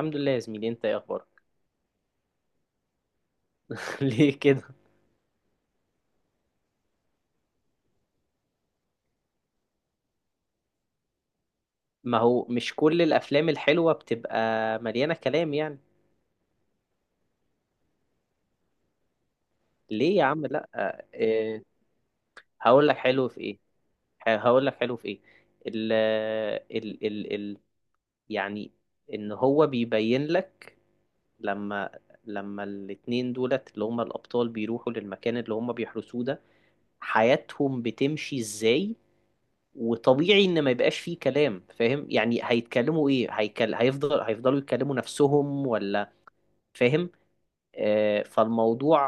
الحمد لله يا زميلي، انت ايه اخبارك؟ ليه كده؟ ما هو مش كل الافلام الحلوه بتبقى مليانه كلام يعني. ليه يا عم، لا، اه. هقول لك حلو في ايه. هقول لك حلو في ايه. ال ال ال ال يعني، ان هو بيبين لك لما لما الاتنين دولت اللي هما الابطال بيروحوا للمكان اللي هما بيحرسوه ده، حياتهم بتمشي ازاي. وطبيعي ان ما يبقاش فيه كلام. فاهم؟ يعني هيتكلموا ايه؟ هيكل... هيفضل هيفضلوا يتكلموا نفسهم ولا؟ فاهم؟ فالموضوع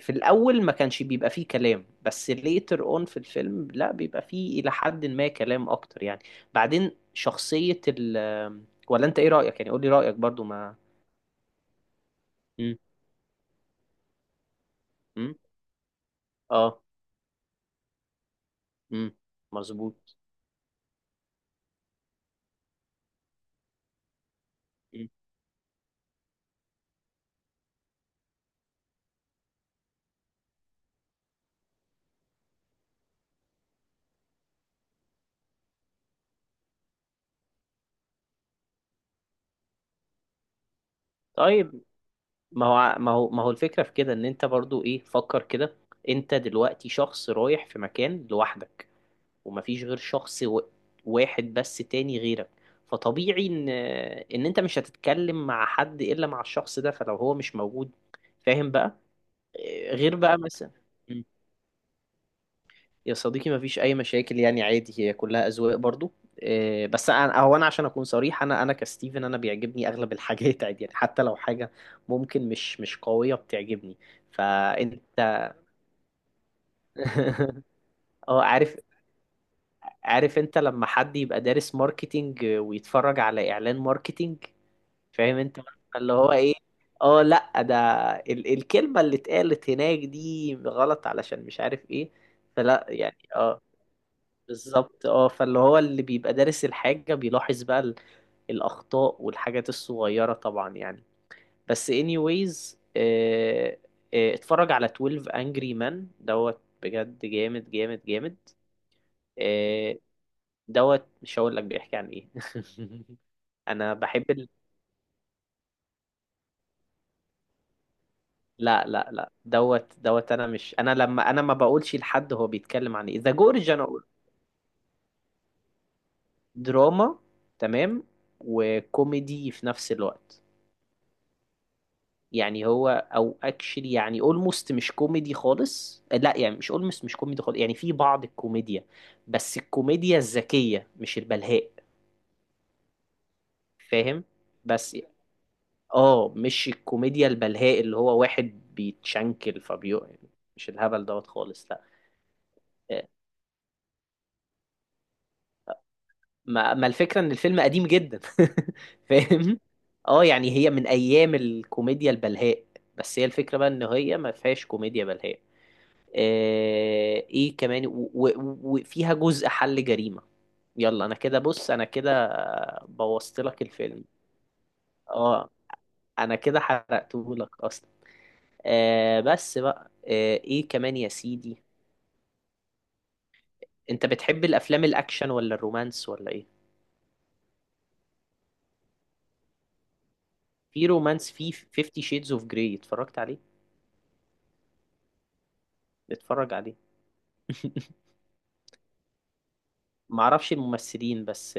في الأول ما كانش بيبقى فيه كلام، بس later on في الفيلم لا بيبقى فيه إلى حد ما كلام أكتر يعني. بعدين شخصية ولا أنت إيه رأيك؟ يعني قولي رأيك برضو ما. مم. مم. آه. مم. مظبوط. مم. طيب، ما هو الفكرة في كده، إن أنت برضو إيه فكر كده. أنت دلوقتي شخص رايح في مكان لوحدك، ومفيش غير شخص واحد بس تاني غيرك. فطبيعي ان انت مش هتتكلم مع حد الا مع الشخص ده، فلو هو مش موجود. فاهم بقى. إيه، غير بقى مثلا. مم. يا صديقي، مفيش اي مشاكل يعني، عادي، هي كلها اذواق برضو. إيه، بس انا هو انا عشان اكون صريح، انا كستيفن انا بيعجبني اغلب الحاجات عادي يعني، حتى لو حاجه ممكن مش قويه بتعجبني. فانت اه عارف انت لما حد يبقى دارس ماركتينج ويتفرج على اعلان ماركتينج. فاهم انت اللي هو ايه. اه لا، ده الكلمة اللي اتقالت هناك دي غلط علشان مش عارف ايه. فلا يعني اه بالظبط اه فاللي هو اللي بيبقى دارس الحاجة بيلاحظ بقى الاخطاء والحاجات الصغيرة طبعا يعني. بس anyways، اه اتفرج على 12 Angry Men دوت. بجد جامد جامد جامد. آه، دوت، مش هقول لك بيحكي عن ايه. انا بحب لا لا لا، دوت دوت، انا مش انا لما انا ما بقولش لحد هو بيتكلم عن ايه، ذا جورج انا اقول. دراما. تمام، وكوميدي في نفس الوقت. يعني هو او اكشلي، يعني اولموست مش كوميدي خالص، لا يعني مش اولموست مش كوميدي خالص، يعني في بعض الكوميديا، بس الكوميديا الذكية مش البلهاء. فاهم. بس اه مش الكوميديا البلهاء اللي هو واحد بيتشنكل فبيو يعني، مش الهبل دوت خالص لا. آه، ما الفكرة ان الفيلم قديم جدا. فاهم. اه، يعني هي من ايام الكوميديا البلهاء، بس هي الفكرة بقى ان هي ما فيهاش كوميديا بلهاء. ايه كمان وفيها جزء حل جريمة. يلا انا كده، بص انا كده بوظت لك الفيلم. اه انا كده حرقته لك اصلا. بس بقى ايه كمان يا سيدي. انت بتحب الافلام الاكشن ولا الرومانس ولا ايه؟ في رومانس، في 50 شيدز اوف جراي اتفرجت عليه؟ اتفرج عليه. معرفش الممثلين بس،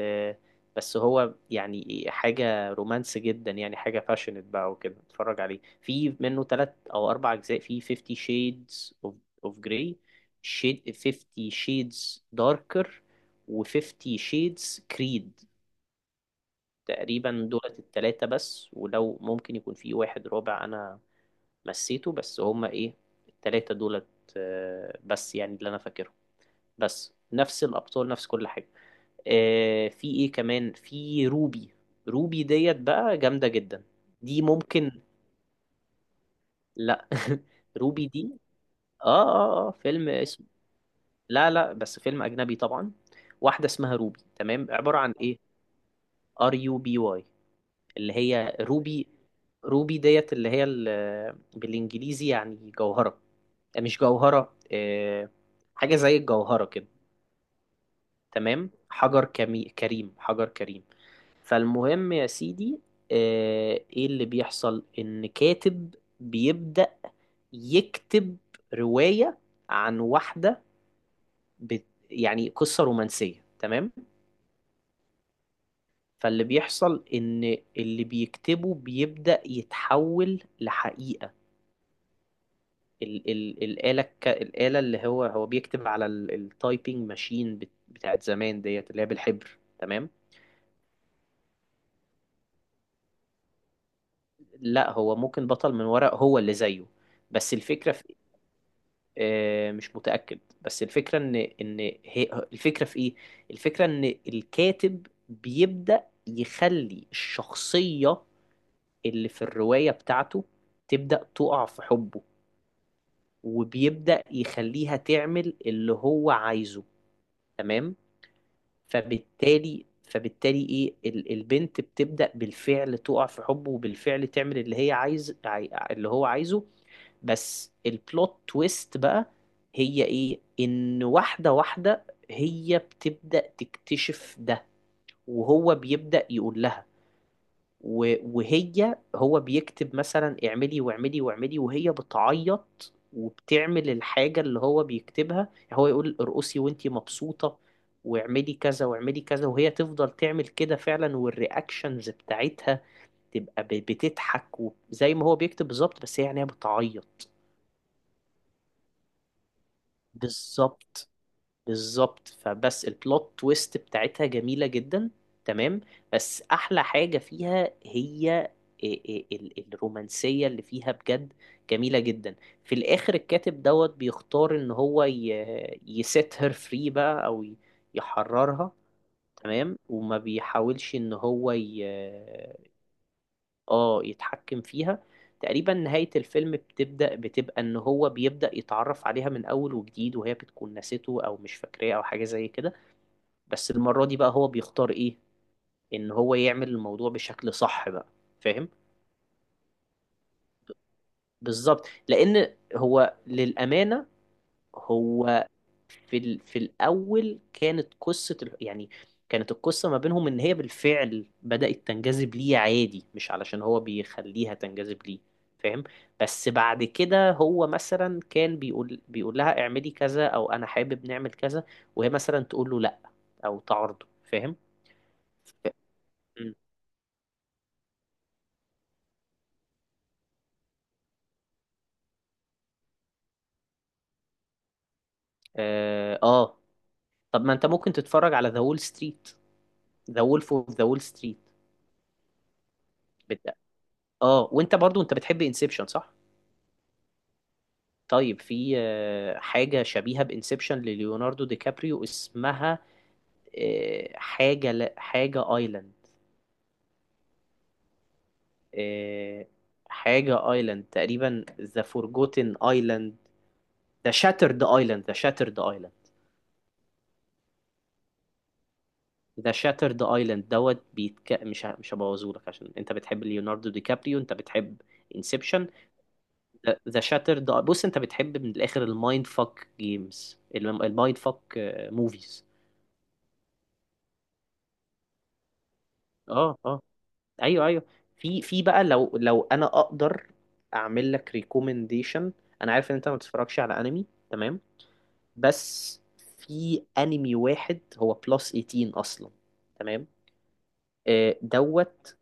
بس هو يعني حاجة رومانس جدا، يعني حاجة باشنت بقى وكده اتفرج عليه، في منه تلات او اربع اجزاء، في 50 شيدز اوف جراي، 50 شيدز داركر، و50 شيدز كريد. تقريبا دولت التلاتة بس، ولو ممكن يكون في واحد رابع انا نسيته، بس هما ايه التلاتة دولت. بس يعني اللي انا فاكرهم، بس نفس الابطال نفس كل حاجة. في ايه كمان، في روبي. روبي ديت بقى جامدة جدا. دي ممكن. لا روبي دي. اه اه اه فيلم اسمه. لا لا، بس فيلم اجنبي طبعا. واحدة اسمها روبي، تمام، عبارة عن ايه. ار يو بي واي، اللي هي روبي. روبي ديت اللي هي بالانجليزي يعني جوهرة. مش جوهرة. حاجة زي الجوهرة كده. تمام، حجر كريم. حجر كريم. فالمهم يا سيدي، ايه اللي بيحصل، ان كاتب بيبدأ يكتب رواية عن واحدة بت... يعني قصة رومانسية. تمام. فاللي بيحصل ان اللي بيكتبه بيبدأ يتحول لحقيقة. الآلة اللي هو بيكتب على التايبنج ماشين بتاعت زمان ديت اللي هي بالحبر. تمام. لا، هو ممكن بطل من ورق هو اللي زيه. بس الفكرة في مش متأكد، بس الفكرة ان هي الفكرة في ايه، الفكرة ان الكاتب بيبدأ يخلي الشخصية اللي في الرواية بتاعته تبدأ تقع في حبه، وبيبدأ يخليها تعمل اللي هو عايزه. تمام. فبالتالي، فبالتالي ايه البنت بتبدأ بالفعل تقع في حبه، وبالفعل تعمل اللي هي اللي هو عايزه. بس البلوت تويست بقى هي ايه، ان واحدة هي بتبدأ تكتشف ده، وهو بيبدأ يقول لها. وهي هو بيكتب مثلا اعملي واعملي واعملي، وهي بتعيط وبتعمل الحاجة اللي هو بيكتبها، يعني هو يقول ارقصي وانتي مبسوطة واعملي كذا واعملي كذا، وهي تفضل تعمل كده فعلا، والرياكشنز بتاعتها تبقى بتضحك وزي ما هو بيكتب بالظبط، بس هي يعني هي بتعيط. بالظبط، بالظبط. فبس البلوت تويست بتاعتها جميلة جدا. تمام. بس أحلى حاجة فيها هي الرومانسية اللي فيها بجد. جميلة جدا. في الآخر الكاتب دوت بيختار إن هو يسيت هير فري بقى، أو يحررها. تمام، وما بيحاولش إن هو يتحكم فيها. تقريبا نهاية الفيلم بتبدأ بتبقى إن هو بيبدأ يتعرف عليها من أول وجديد، وهي بتكون نسيته أو مش فاكراه أو حاجة زي كده. بس المرة دي بقى هو بيختار ايه، ان هو يعمل الموضوع بشكل صح بقى. فاهم. بالظبط، لان هو للأمانة، هو في الأول كانت قصة يعني كانت القصة ما بينهم ان هي بالفعل بدأت تنجذب ليه عادي، مش علشان هو بيخليها تنجذب ليه. فاهم. بس بعد كده هو مثلا كان بيقول لها اعملي كذا او انا حابب نعمل كذا، وهي مثلا تقول له لا او تعارضه. فاهم. ف- م. اه آه، طب ما انت ممكن تتفرج على ذا وول ستريت، ذا وولف اوف ذا وول ستريت. اه وانت برضو انت بتحب انسبشن صح. طيب في حاجة شبيهة بانسبشن لليوناردو دي كابريو اسمها حاجة حاجة ايلاند. آه، حاجة ايلاند، تقريبا ذا فورجوتن ايلاند، ذا شاترد ايلاند ذا شاترد ايلاند دوت. مش هبوظهولك عشان انت بتحب ليوناردو دي كابريو، انت بتحب انسبشن. ذا شاتر ده. بص، انت بتحب من الاخر المايند فاك جيمز، المايند فاك موفيز. اه اه، ايوه ايوه. في بقى لو انا اقدر اعمل لك ريكومنديشن. انا عارف ان انت ما بتتفرجش على انمي، تمام. بس في انمي واحد هو بلس 18 اصلا. تمام. دوت.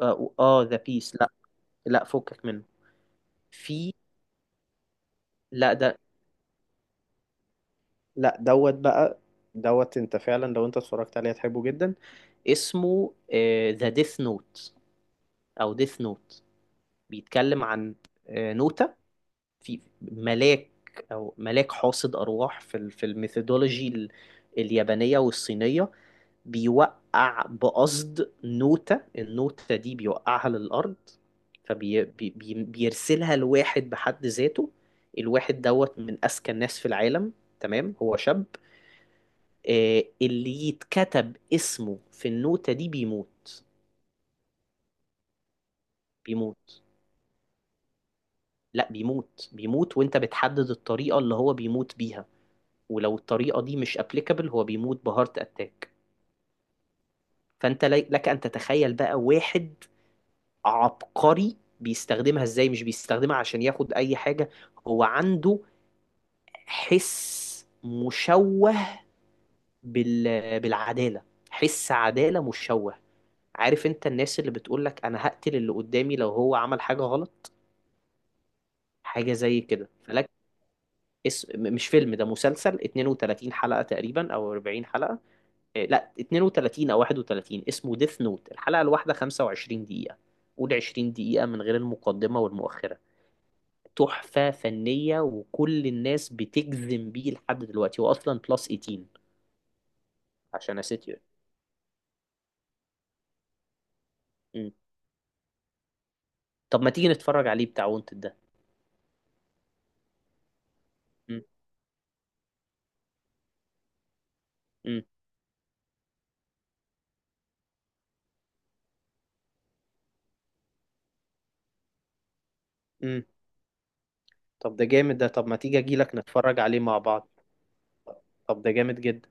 ذا بيس لا. لا فكك منه. في، لا ده، لا دوت بقى. دوت، انت فعلا لو انت اتفرجت عليه هتحبه جدا. اسمه ذا ديث نوت او ديث نوت. بيتكلم عن نوتة. في ملاك، او ملاك حاصد ارواح في في الميثودولوجي اليابانية والصينية. بيوقع بقصد نوتة، النوتة دي بيوقعها للأرض. فبيرسلها لواحد بحد ذاته، الواحد دوت من أذكى الناس في العالم، تمام، هو شاب. اللي يتكتب اسمه في النوتة دي بيموت. بيموت. لا، بيموت بيموت. وانت بتحدد الطريقة اللي هو بيموت بيها، ولو الطريقة دي مش ابليكابل هو بيموت بهارت اتاك. فانت لك ان تتخيل بقى واحد عبقري بيستخدمها ازاي. مش بيستخدمها عشان ياخد اي حاجة، هو عنده حس مشوه بالعدالة. حس عدالة مشوه. عارف انت الناس اللي بتقولك انا هقتل اللي قدامي لو هو عمل حاجة غلط، حاجة زي كده فلك. مش فيلم ده، مسلسل 32 حلقة تقريبا او 40 حلقة. إيه، لا 32 او 31، اسمه ديث نوت. الحلقة الواحدة 25 دقيقة، قول 20 دقيقة من غير المقدمة والمؤخرة. تحفة فنية، وكل الناس بتجزم بيه لحد دلوقتي، هو اصلا بلس 18 عشان اسيتيو. طب ما تيجي نتفرج عليه بتاع وانتد ده. مم. مم. مم. طب ده جامد، ده طب ما تيجي اجيلك نتفرج عليه مع بعض. طب ده جامد جدا.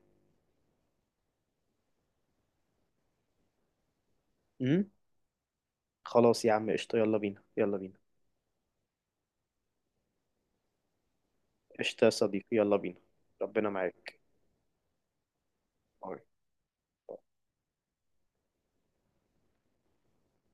مم. خلاص يا عم، قشطة، يلا بينا يلا بينا. قشطة يا صديقي، يلا بينا. ربنا معاك. باي.